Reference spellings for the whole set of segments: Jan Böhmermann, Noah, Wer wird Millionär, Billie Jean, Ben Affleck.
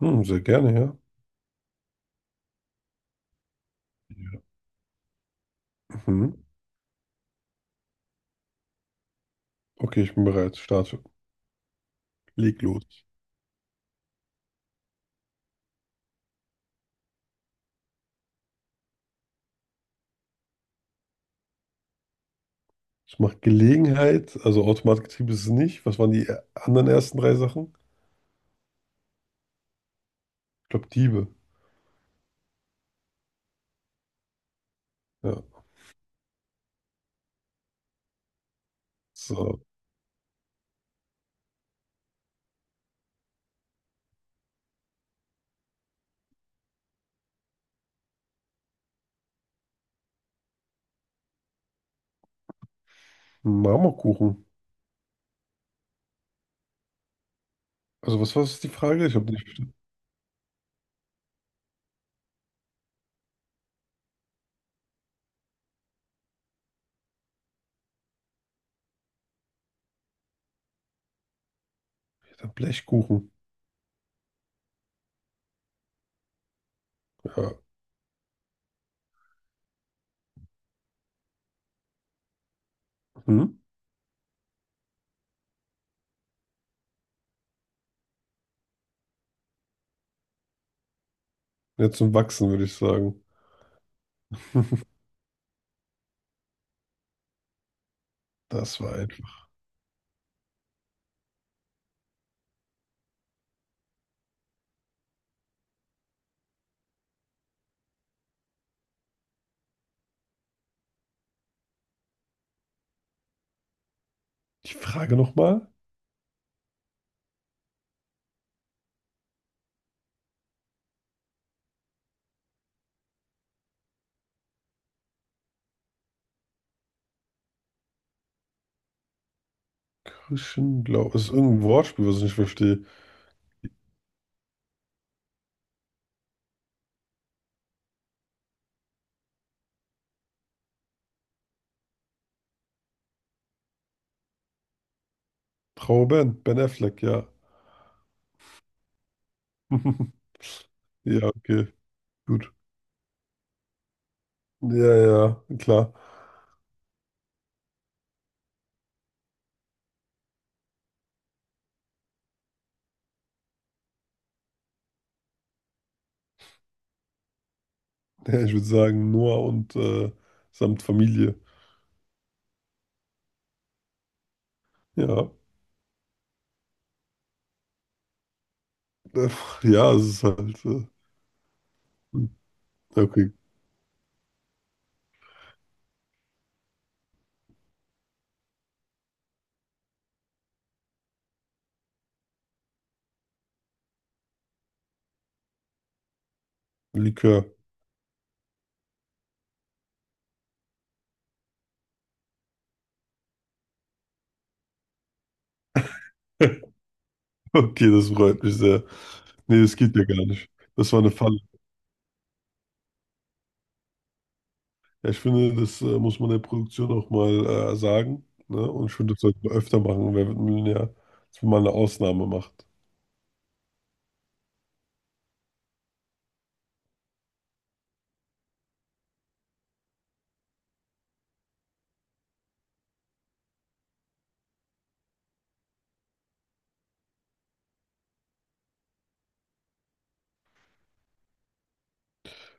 Hm, sehr gerne, ja. Ja. Mhm. Okay, ich bin bereit. Starte. Leg los. Ich mache Gelegenheit, also Automatgetriebe ist es nicht. Was waren die anderen ersten drei Sachen? Ich glaube, Diebe. Ja. So. Marmorkuchen. Also, was war das die Frage? Ich habe nicht verstanden. Der Blechkuchen. Ja. Hm? Jetzt zum Wachsen, würde ich sagen. Das war einfach. Die Frage nochmal? Christian Blau. Das ist irgendein Wortspiel, was ich nicht verstehe. Trauer Ben. Ben Affleck, ja. Ja, okay. Gut. Ja, ja, klar. Ja, ich würde sagen, Noah und samt Familie. Ja, äh, ja, es ist halt. Hm, okay, Likör. Okay, das freut mich sehr. Nee, das geht ja gar nicht. Das war eine Falle. Ja, ich finde, das muss man der Produktion auch mal sagen. Ne? Und ich finde, das sollte man öfter machen. Wer wird Millionär? Dass man mal eine Ausnahme macht.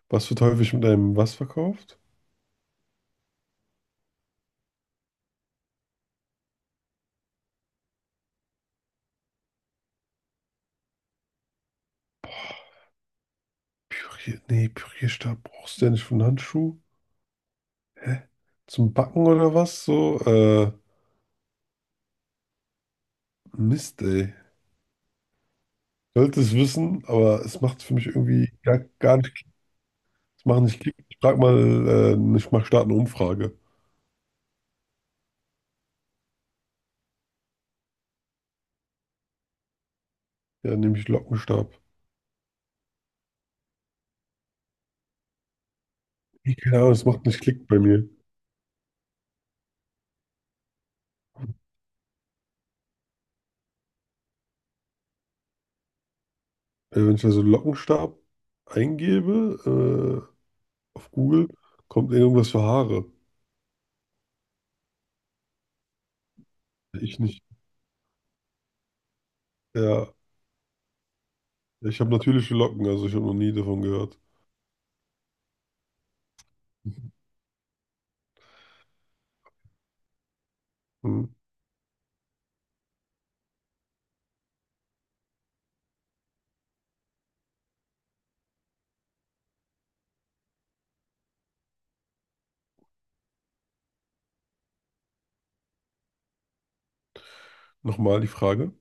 Was wird häufig mit einem was verkauft? Nee, Pürierstab brauchst du ja nicht für einen Handschuh. Hä? Zum Backen oder was? So, Mist, ey. Sollte es wissen, aber es macht für mich irgendwie gar nicht Klick. Es macht nicht Klick. Ich frag mal, ich mach starte eine Umfrage. Ja, nehme ich Lockenstab. Nee, keine Ahnung, es macht nicht Klick bei mir. Wenn ich also Lockenstab eingebe, auf Google, kommt irgendwas für Haare. Ich nicht. Ja, ich habe natürliche Locken, also ich habe noch nie davon gehört. Hm. Nochmal die Frage.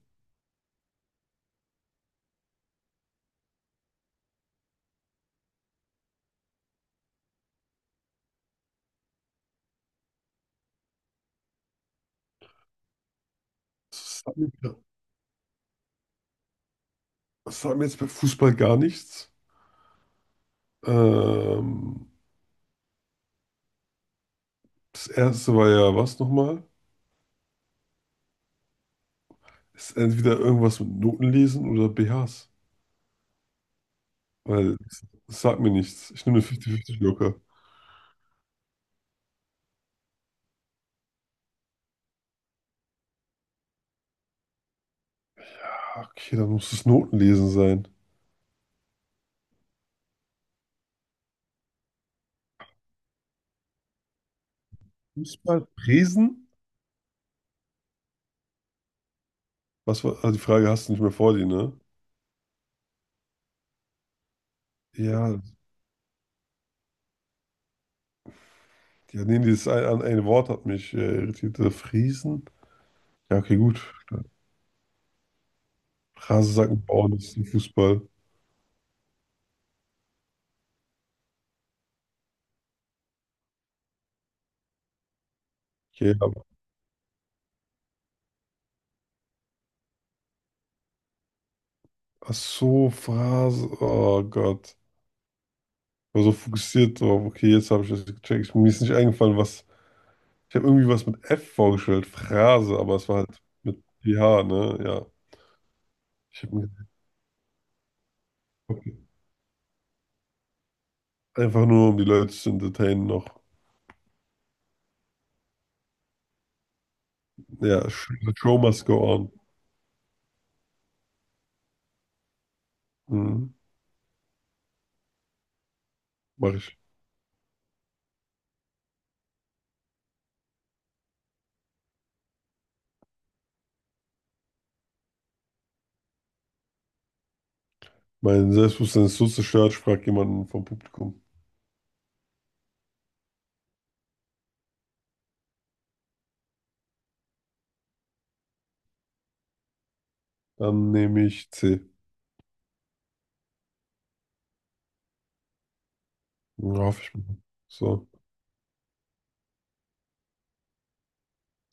Das sagt mir, das sagt mir jetzt bei Fußball gar nichts. Ähm, das erste war ja was nochmal? Ist entweder irgendwas mit Notenlesen lesen oder BHs. Weil das sagt mir nichts. Ich nehme eine 50-50 locker. Ah, okay, dann muss es Notenlesen sein. Fußball, Presen? Was war, ah, die Frage hast du nicht mehr vor dir, ne? Ja, ja, nee, dieses eine Wort hat mich irritiert. Friesen? Ja, okay, gut. Phrasensacken bauen, das ist ein Fußball. Okay, aber, ach so, Phrase, oh Gott. Ich war so fokussiert drauf. Okay, jetzt habe ich das gecheckt. Mir ist nicht eingefallen, was. Ich habe irgendwie was mit F vorgestellt, Phrase, aber es war halt mit PH, ne? Ja. Ich habe mir, okay, einfach nur, um die Leute zu entertainen, noch. Ja, the show must go on. Mhm. Mach ich. Mein Selbstbewusstsein ist so zerstört, ich frage jemanden vom Publikum. Dann nehme ich C. Ja, hoffe ich mal. So.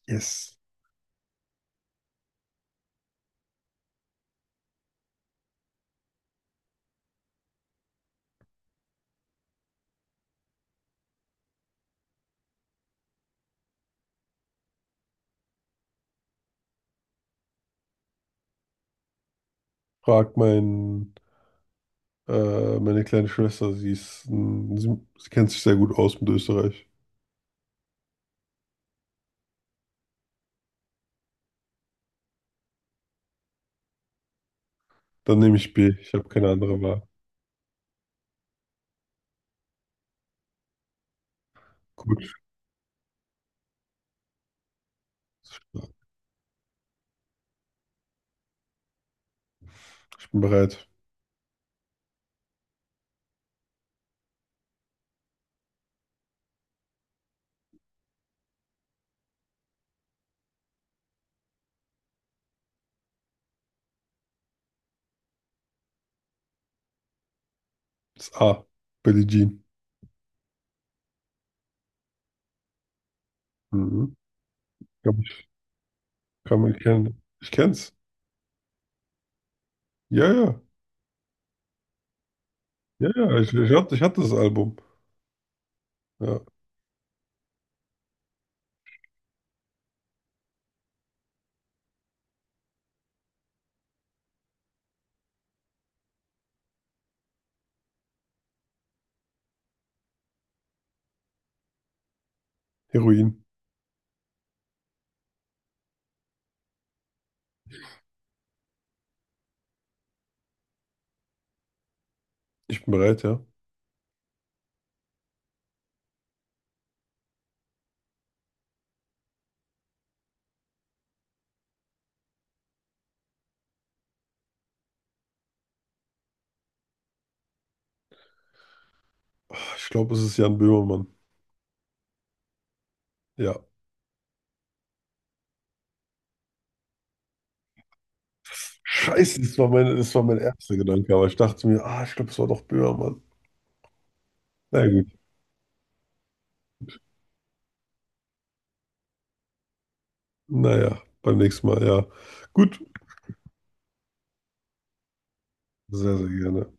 Yes. Frag meine kleine Schwester, sie ist, ein- sie kennt sich sehr gut aus mit Österreich. Dann nehme ich B. Ich habe keine andere Wahl. Gut, ich bin bereit. Das A. Billie Jean. Mhm. Glaub, ich kann mich kennen. Ich kenn's. Ja, ja. Ja, ja. Ich hatte das Album. Ja. Heroin. Ich bin bereit, ja. Ah, ich glaube, es ist Jan Böhmermann. Ja. Scheiße, das war mein erster Gedanke, aber ich dachte mir, ah, ich glaube, es war doch Böhmermann. Na gut. Naja, beim nächsten Mal, ja. Gut. Sehr, sehr gerne.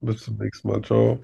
Bis zum nächsten Mal. Ciao.